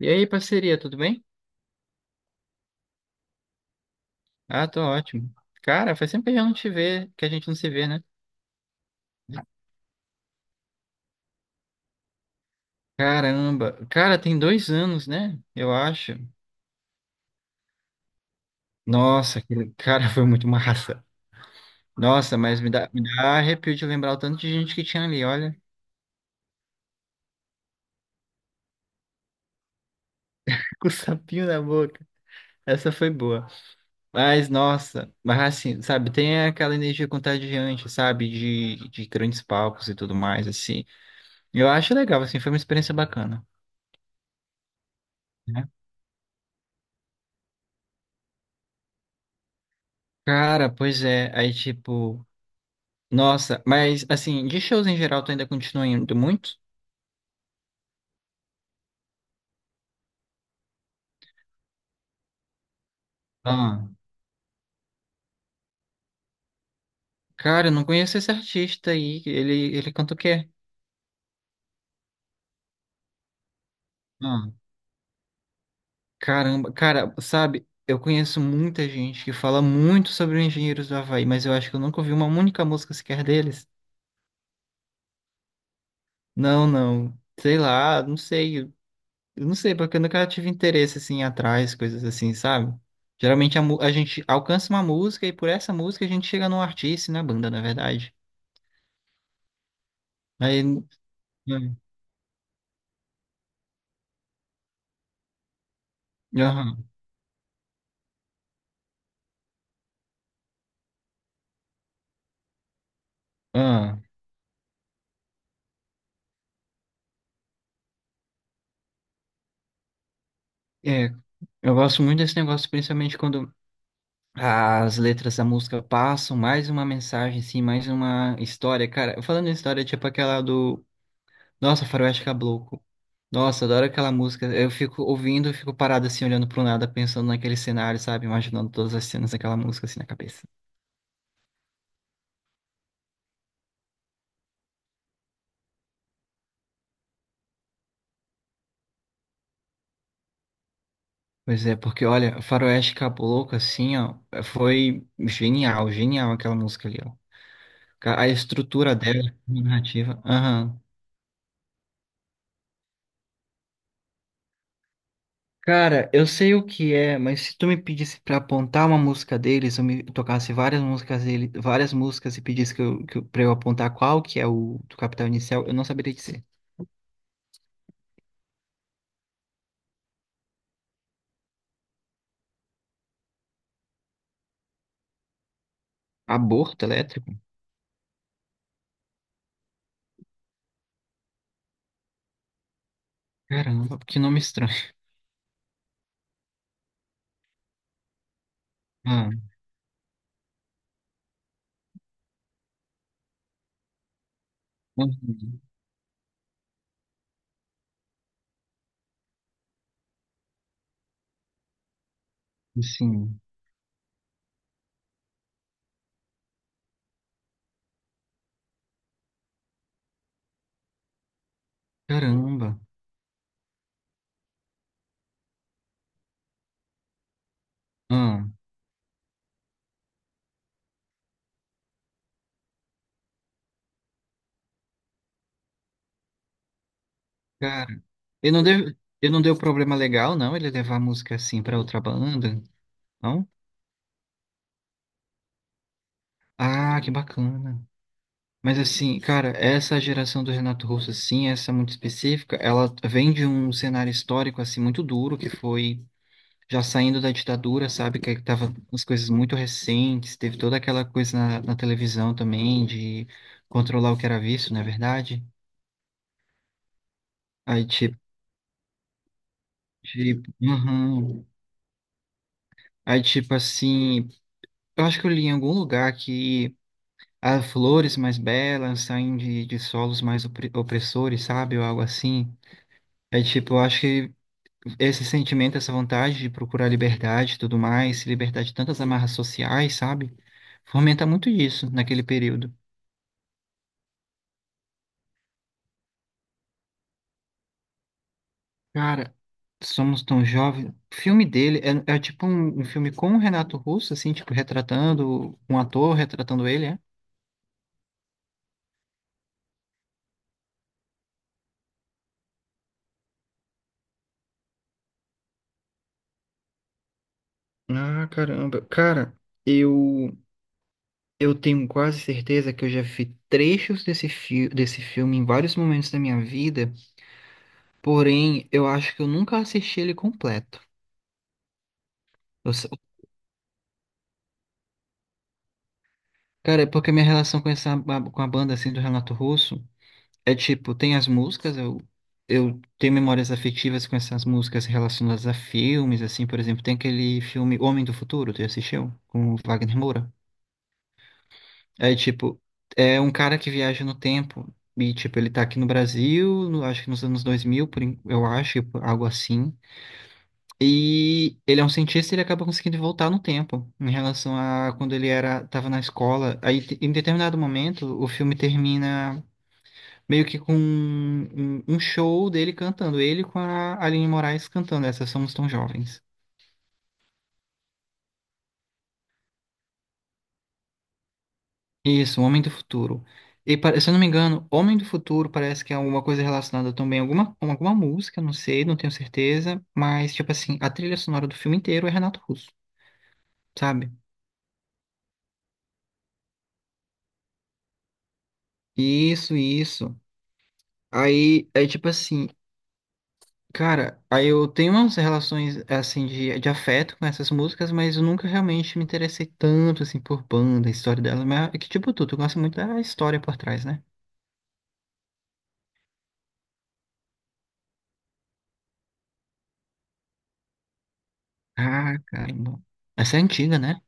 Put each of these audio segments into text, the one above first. E aí, parceria, tudo bem? Ah, tô ótimo. Cara, faz tempo que a gente não te vê, que a gente não se vê, né? Caramba, cara, tem dois anos, né? Eu acho. Nossa, aquele cara foi muito massa. Nossa, mas me dá arrepio de lembrar o tanto de gente que tinha ali, olha. Com o sapinho na boca. Essa foi boa. Mas, nossa, mas assim, sabe, tem aquela energia contagiante, sabe? De grandes palcos e tudo mais, assim. Eu acho legal, assim, foi uma experiência bacana, né? Cara, pois é. Aí, tipo. Nossa, mas assim, de shows em geral, tu ainda continua indo muito? Ah, cara, eu não conheço esse artista aí. Ele canta o quê? Ah, caramba, cara, sabe, eu conheço muita gente que fala muito sobre os Engenheiros do Havaí, mas eu acho que eu nunca ouvi uma única música sequer deles. Não, não. Sei lá, não sei. Eu não sei, porque eu nunca tive interesse assim atrás, coisas assim, sabe? Geralmente a gente alcança uma música e por essa música a gente chega num artista e na banda, na verdade. Aí. Aham. Aham. É, eu gosto muito desse negócio, principalmente quando as letras da música passam mais uma mensagem, assim, mais uma história. Cara, falando em história, tipo aquela do. Nossa, Faroeste Caboclo. Nossa, adoro aquela música. Eu fico ouvindo, eu fico parado assim, olhando pro nada, pensando naquele cenário, sabe? Imaginando todas as cenas daquela música assim na cabeça. Pois é, porque olha, Faroeste Caboclo, assim, ó, foi genial, genial aquela música ali, ó. A estrutura dela, a narrativa. Aham. Cara, eu sei o que é, mas se tu me pedisse pra apontar uma música deles, eu me tocasse várias músicas dele, várias músicas e pedisse pra eu apontar qual que é o do Capital Inicial, eu não saberia dizer. Aborto elétrico? Caramba, que nome estranho. Ah, uhum, assim, caramba. Ah, cara. Ele não deu, ele não deu problema legal, não, ele levar a música assim pra outra banda, não? Ah, que bacana. Mas assim, cara, essa geração do Renato Russo, assim, essa muito específica, ela vem de um cenário histórico, assim, muito duro, que foi já saindo da ditadura, sabe? Que tava as coisas muito recentes, teve toda aquela coisa na televisão também, de controlar o que era visto, não é verdade? Aí, tipo, tipo, uhum. Aí, tipo, assim, eu acho que eu li em algum lugar que as flores mais belas saem de solos mais opressores, sabe? Ou algo assim. É tipo, eu acho que esse sentimento, essa vontade de procurar liberdade e tudo mais, se libertar de tantas amarras sociais, sabe? Fomenta muito isso naquele período. Cara, Somos Tão Jovens. O filme dele é, é tipo um filme com o Renato Russo, assim, tipo, retratando um ator, retratando ele, é? Ah, caramba. Cara, eu eu tenho quase certeza que eu já vi trechos desse filme em vários momentos da minha vida, porém, eu acho que eu nunca assisti ele completo. Eu Cara, é porque a minha relação com com a banda assim do Renato Russo é tipo, tem as músicas, eu tenho memórias afetivas com essas músicas relacionadas a filmes, assim, por exemplo, tem aquele filme Homem do Futuro, tu já assistiu? Com o Wagner Moura. É tipo, é um cara que viaja no tempo e tipo, ele tá aqui no Brasil, acho que nos anos 2000 eu acho, algo assim. E ele é um cientista, ele acaba conseguindo voltar no tempo, em relação a quando ele era, estava na escola. Aí, em determinado momento, o filme termina meio que com um show dele cantando, ele com a Aline Moraes cantando essa Somos Tão Jovens. Isso, Homem do Futuro. E, se eu não me engano, Homem do Futuro parece que é alguma coisa relacionada também a alguma, com alguma música, não sei, não tenho certeza, mas, tipo assim, a trilha sonora do filme inteiro é Renato Russo, sabe? Isso, isso. Aí é tipo assim. Cara, aí eu tenho umas relações assim de afeto com essas músicas, mas eu nunca realmente me interessei tanto assim por banda, a história dela, mas é que tipo tu, tu gosta muito da história por trás, né? Ah, caramba. Essa é antiga, né?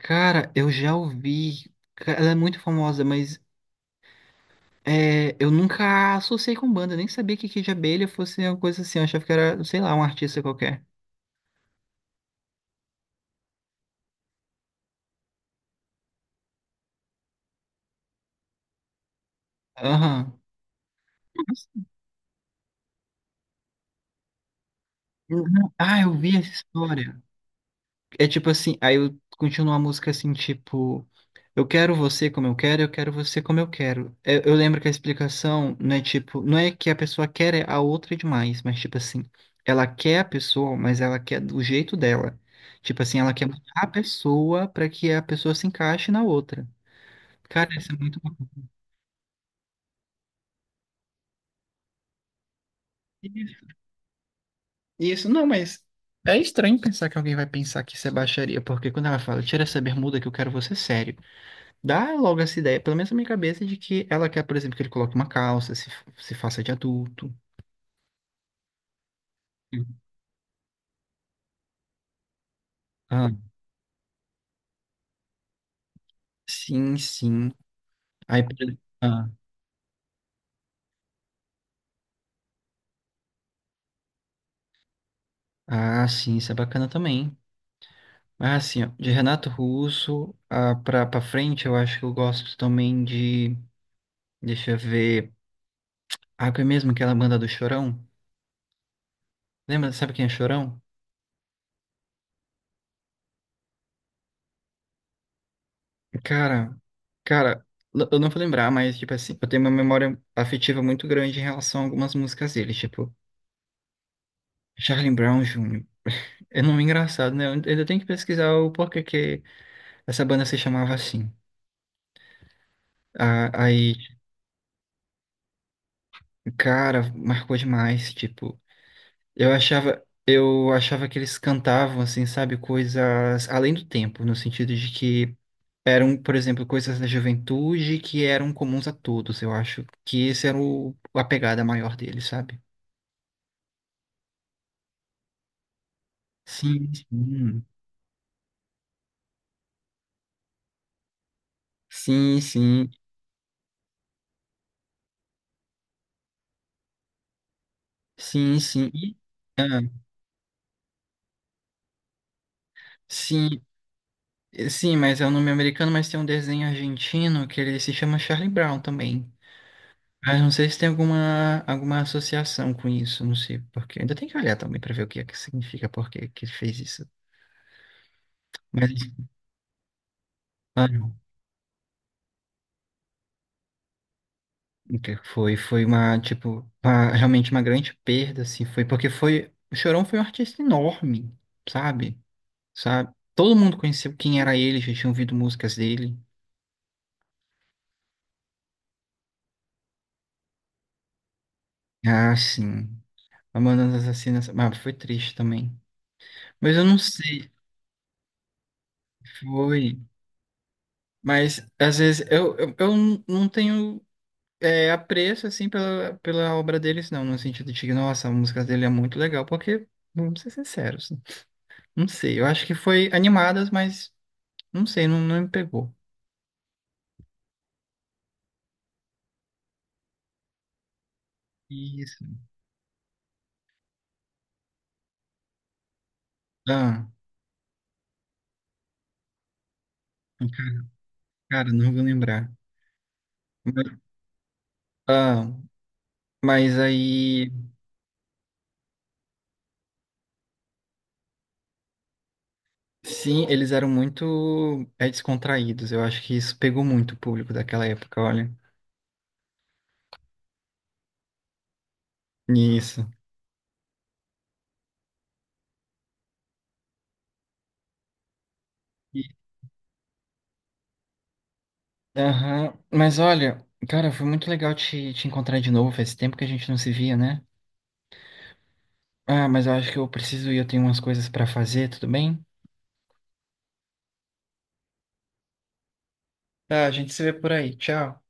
Cara, eu já ouvi, ela é muito famosa, mas é, eu nunca associei com banda, nem sabia que Kid Abelha fosse uma coisa assim, eu achava que era, sei lá, um artista qualquer. Aham. Nossa. Uhum. Ah, eu vi essa história. É tipo assim, aí eu continuo a música assim, tipo, eu quero você como eu quero você como eu quero. Eu lembro que a explicação não é tipo, não é que a pessoa quer é a outra demais, mas tipo assim, ela quer a pessoa, mas ela quer do jeito dela. Tipo assim, ela quer mudar a pessoa pra que a pessoa se encaixe na outra. Cara, isso é muito bom. Isso. Isso, não, mas é estranho pensar que alguém vai pensar que isso é baixaria, porque quando ela fala, tira essa bermuda que eu quero você sério. Dá logo essa ideia, pelo menos na minha cabeça, de que ela quer, por exemplo, que ele coloque uma calça, se faça de adulto. Uhum. Ah, sim, sim. Aí, por exemplo, ah, ah, sim, isso é bacana também. Ah, sim, ó, de Renato Russo ah, pra frente, eu acho que eu gosto também de. Deixa eu ver. Ah, que é mesmo aquela banda do Chorão? Lembra? Sabe quem é Chorão? Cara, cara, eu não vou lembrar, mas, tipo assim, eu tenho uma memória afetiva muito grande em relação a algumas músicas dele, tipo, Charlie Brown Jr. É nome engraçado, né? Eu ainda tenho que pesquisar o porquê que essa banda se chamava assim. Aí, cara, marcou demais, tipo, eu achava que eles cantavam assim, sabe, coisas além do tempo, no sentido de que eram, por exemplo, coisas da juventude que eram comuns a todos. Eu acho que esse era o a pegada maior deles, sabe? Sim, sim. Sim, sim. Sim, sim. E- ah, sim. Sim, mas é um nome americano, mas tem um desenho argentino que ele se chama Charlie Brown também. Mas não sei se tem alguma, alguma associação com isso, não sei porque. Ainda tem que olhar também para ver o que é que significa, por que que ele fez isso. Mas ah, não. O que foi foi uma realmente uma grande perda, assim, foi porque foi o Chorão foi um artista enorme, sabe? Sabe? Todo mundo conheceu quem era ele, já tinha ouvido músicas dele. Ah, sim. Mamonas Assassinas, mas foi triste também. Mas eu não sei. Foi. Mas às vezes eu não não tenho é, apreço assim pela obra deles, não, no sentido de que, nossa, a música dele é muito legal, porque, vamos ser sinceros, não sei, eu acho que foi animadas, mas não sei, não, não me pegou. Isso. Ah, cara, cara, não vou lembrar. Mas- Ah, mas aí, sim, eles eram muito é, descontraídos. Eu acho que isso pegou muito o público daquela época, olha. Isso. Aham. Mas olha, cara, foi muito legal te encontrar de novo. Faz tempo que a gente não se via, né? Ah, mas eu acho que eu preciso ir, eu tenho umas coisas pra fazer, tudo bem? Tá, a gente se vê por aí. Tchau.